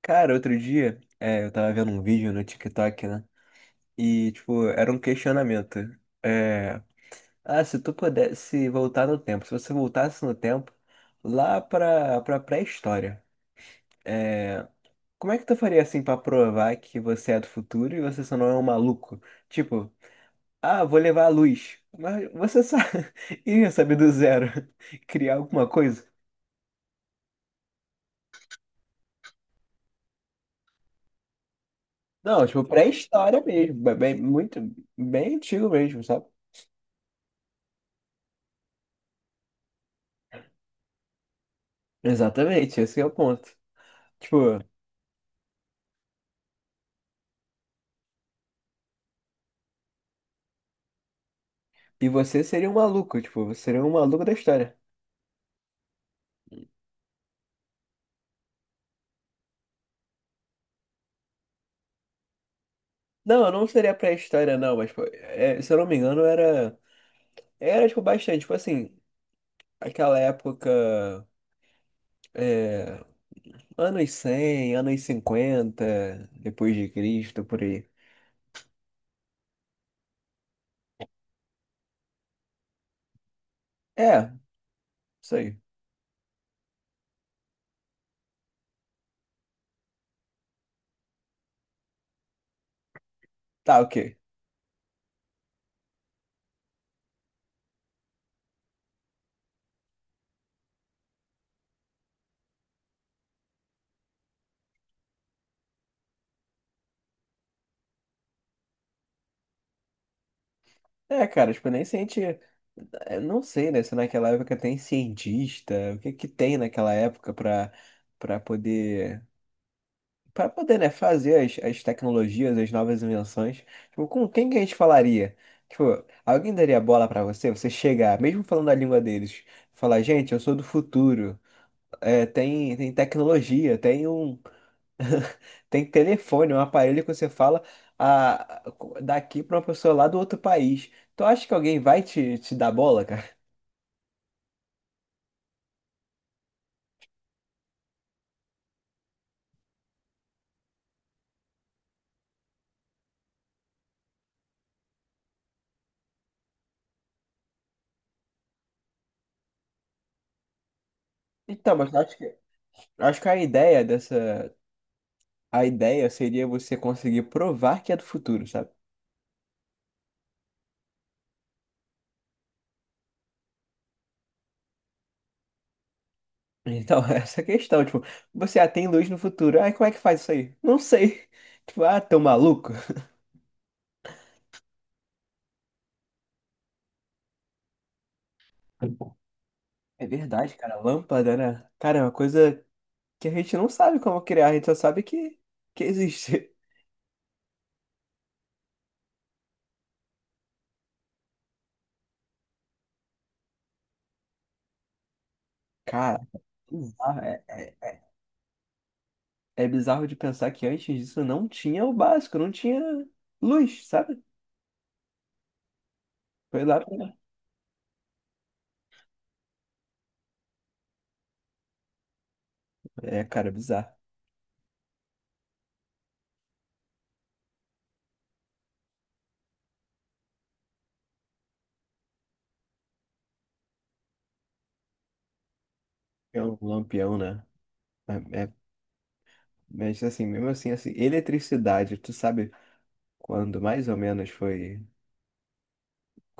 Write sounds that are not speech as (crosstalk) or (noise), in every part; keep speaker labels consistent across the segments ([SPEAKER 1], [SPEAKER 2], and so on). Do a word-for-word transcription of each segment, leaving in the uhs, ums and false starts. [SPEAKER 1] Cara, outro dia, é, eu tava vendo um vídeo no TikTok, né? E, tipo, era um questionamento. É, ah, se tu pudesse voltar no tempo, se você voltasse no tempo, lá pra, pra pré-história, é, como é que tu faria assim pra provar que você é do futuro e você só não é um maluco? Tipo, ah, vou levar a luz. Mas você só (laughs) ia saber do zero (laughs) criar alguma coisa? Não, tipo, pré-história mesmo, bem, muito, bem antigo mesmo, sabe? Exatamente, esse é o ponto. Tipo, e você seria um maluco, tipo, você seria um maluco da história. Não, eu não seria pré-história, não, mas, pô, é, se eu não me engano, era. Era, tipo, bastante. Tipo assim, aquela época. É, anos cem, anos cinquenta depois de Cristo, por aí. É, isso aí. Tá, ok. É, cara, tipo, nem senti. Eu não sei, né? Se naquela época tem cientista, o que que tem naquela época pra, pra poder. Para poder, né, fazer as, as tecnologias, as novas invenções, tipo, com quem que a gente falaria? Tipo, alguém daria bola para você? Você chegar, mesmo falando a língua deles, falar, gente, eu sou do futuro, é, tem, tem tecnologia, tem um, tem telefone, um aparelho que você fala a, daqui para uma pessoa lá do outro país. Tu acha que alguém vai te, te dar bola, cara? Então, mas eu acho que, eu acho que a ideia dessa, a ideia seria você conseguir provar que é do futuro, sabe? Então, (laughs) essa é a questão, tipo, você atém luz no futuro. Ai, como é que faz isso aí? Não sei. (laughs) Tipo, ah, tão maluco. É verdade, cara. Lâmpada, né? Cara, é uma coisa que a gente não sabe como criar, a gente só sabe que, que existe. (laughs) Cara, bizarro. É, é, é bizarro de pensar que antes disso não tinha o básico, não tinha luz, sabe? Foi lá pra. É, cara, bizarro. É um lampião, né? É, é- mas assim, mesmo assim, assim, eletricidade, tu sabe quando mais ou menos foi.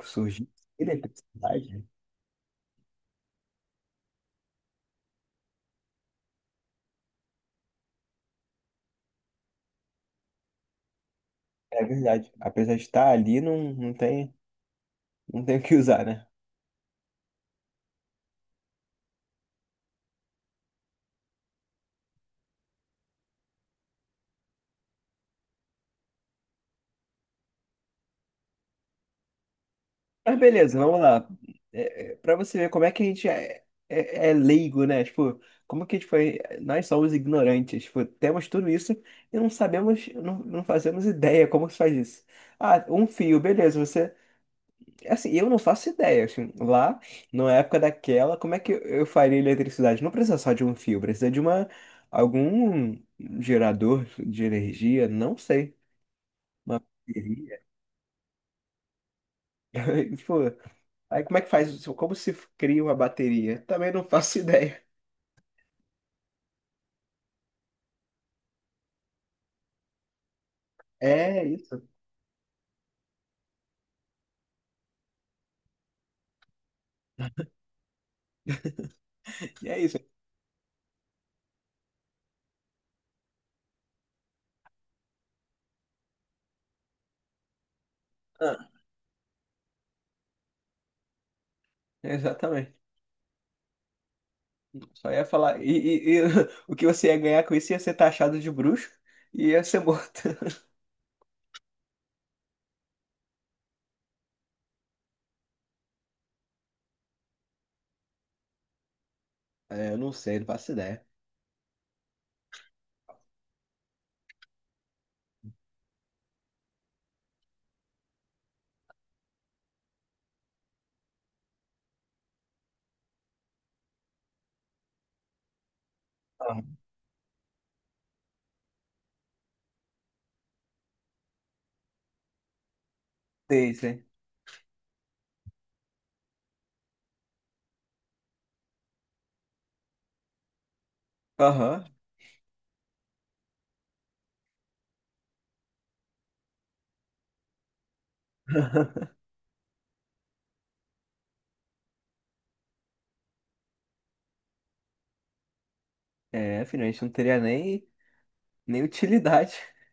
[SPEAKER 1] Surgiu eletricidade, né? É verdade. Apesar de estar ali, não, não tem, não tem o que usar, né? Mas beleza, vamos lá. É, é, pra você ver como é que a gente é, é, é leigo, né? Tipo, como que a gente foi. Nós somos ignorantes. Tipo, temos tudo isso e não sabemos, não, não fazemos ideia como se faz isso. Ah, um fio, beleza. Você Assim, eu não faço ideia, assim, lá, na época daquela, como é que eu eu faria eletricidade? Não precisa só de um fio, precisa de uma, algum gerador de energia, não sei, uma bateria. (laughs) Tipo, aí como é que faz isso? Como se cria uma bateria? Também não faço (laughs) ideia. É isso, e é isso. Ah, exatamente. Só ia falar, e, e- e (laughs) o que você ia ganhar com isso ia ser taxado de bruxo e ia ser morto. (laughs) É, eu não sei, não faço ideia. Ah, sei, sei. Aham. É, filho, a gente não teria nem, nem utilidade. (laughs)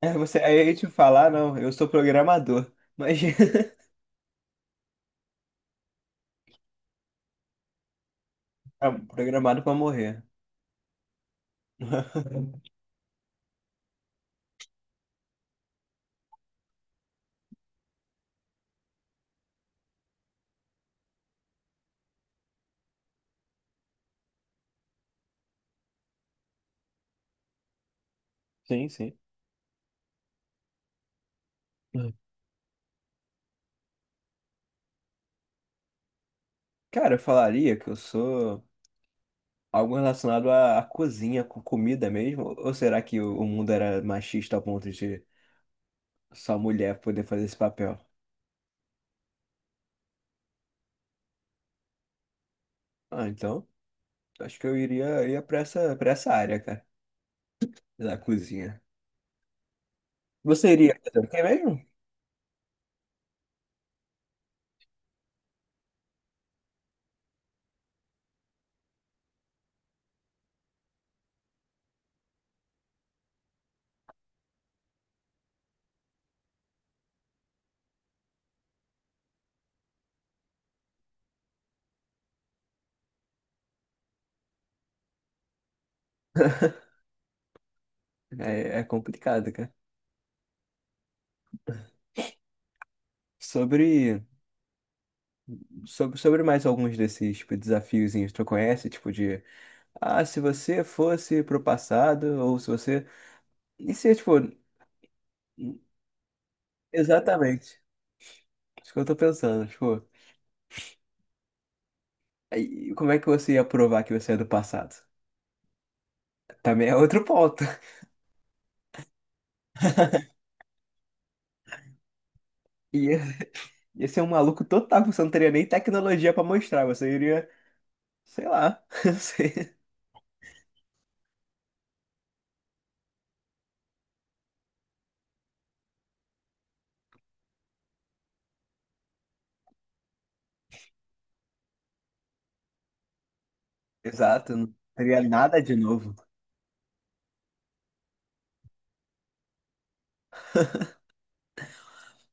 [SPEAKER 1] É, você, aí a gente falar, não, eu sou programador. Mas (laughs) é programado pra morrer. Sim, sim. Hum. Cara, eu falaria que eu sou algo relacionado à, à cozinha, com comida mesmo? Ou será que o, o mundo era machista ao ponto de só mulher poder fazer esse papel? Ah, então, acho que eu iria, ia pra essa, pra essa área, cara, da cozinha. Você iria fazer o quê mesmo? É, é complicado, cara. Sobre Sobre, sobre mais alguns desses tipo, desafiozinhos, que tu conhece? Tipo de, ah, se você fosse pro passado, ou se você. E se, tipo, exatamente, isso que eu tô pensando, tipo, aí, como é que você ia provar que você é do passado? Também é outro ponto. (laughs) Ia, ia ser um maluco total, você não teria nem tecnologia pra mostrar, você iria, sei lá, (laughs) não sei. Exato, não teria nada de novo.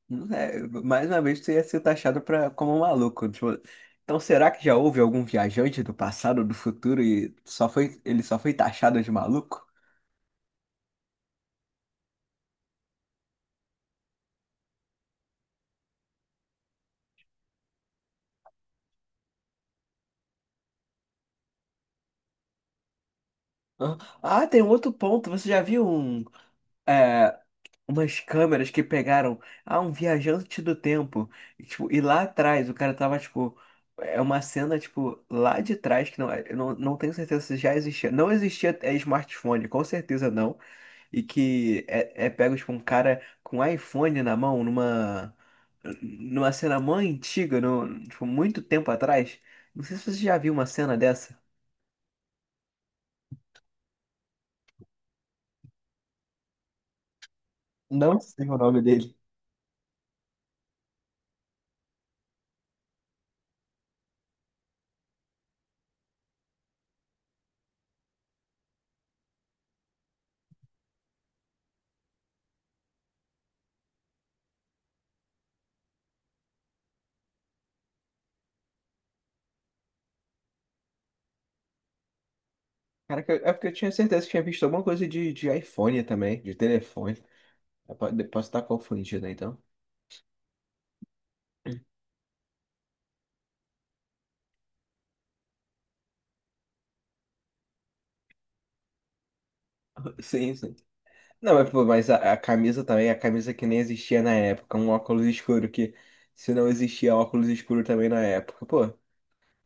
[SPEAKER 1] Não é, mais uma vez, tu ia ser taxado pra, como um maluco. Tipo, então, será que já houve algum viajante do passado, do futuro, e só foi, ele só foi taxado de maluco? Hã? Ah, tem um outro ponto. Você já viu um, é, umas câmeras que pegaram ah, um viajante do tempo? E, tipo, e lá atrás, o cara tava, tipo. É uma cena, tipo, lá de trás, que não, é, eu não, não tenho certeza se já existia. Não existia é, smartphone, com certeza não. E que é, é pego, tipo, um cara com iPhone na mão, numa, numa cena mó antiga, no, tipo, muito tempo atrás. Não sei se você já viu uma cena dessa. Não sei o nome dele. Cara, que eu- é porque eu tinha certeza que tinha visto alguma coisa de, de, iPhone também, de telefone. Eu po- Posso estar confundido, né, então? (laughs) Sim, sim. Não, mas, pô, mas a, a camisa também, a camisa que nem existia na época, um óculos escuro que, se não existia óculos escuro também na época, pô.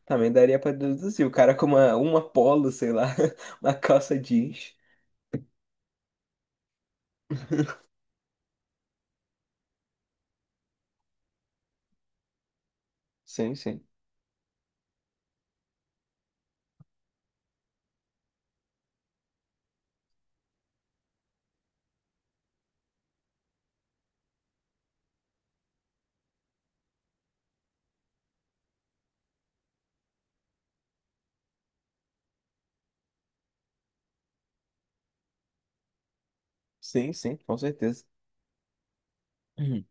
[SPEAKER 1] Também daria pra deduzir. O cara com uma, uma polo, sei lá, (laughs) uma calça jeans. Sim, sim. Sim, sim, com certeza. Uhum.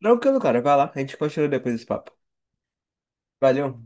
[SPEAKER 1] Tranquilo, cara. Vai lá. A gente continua depois desse papo. Valeu.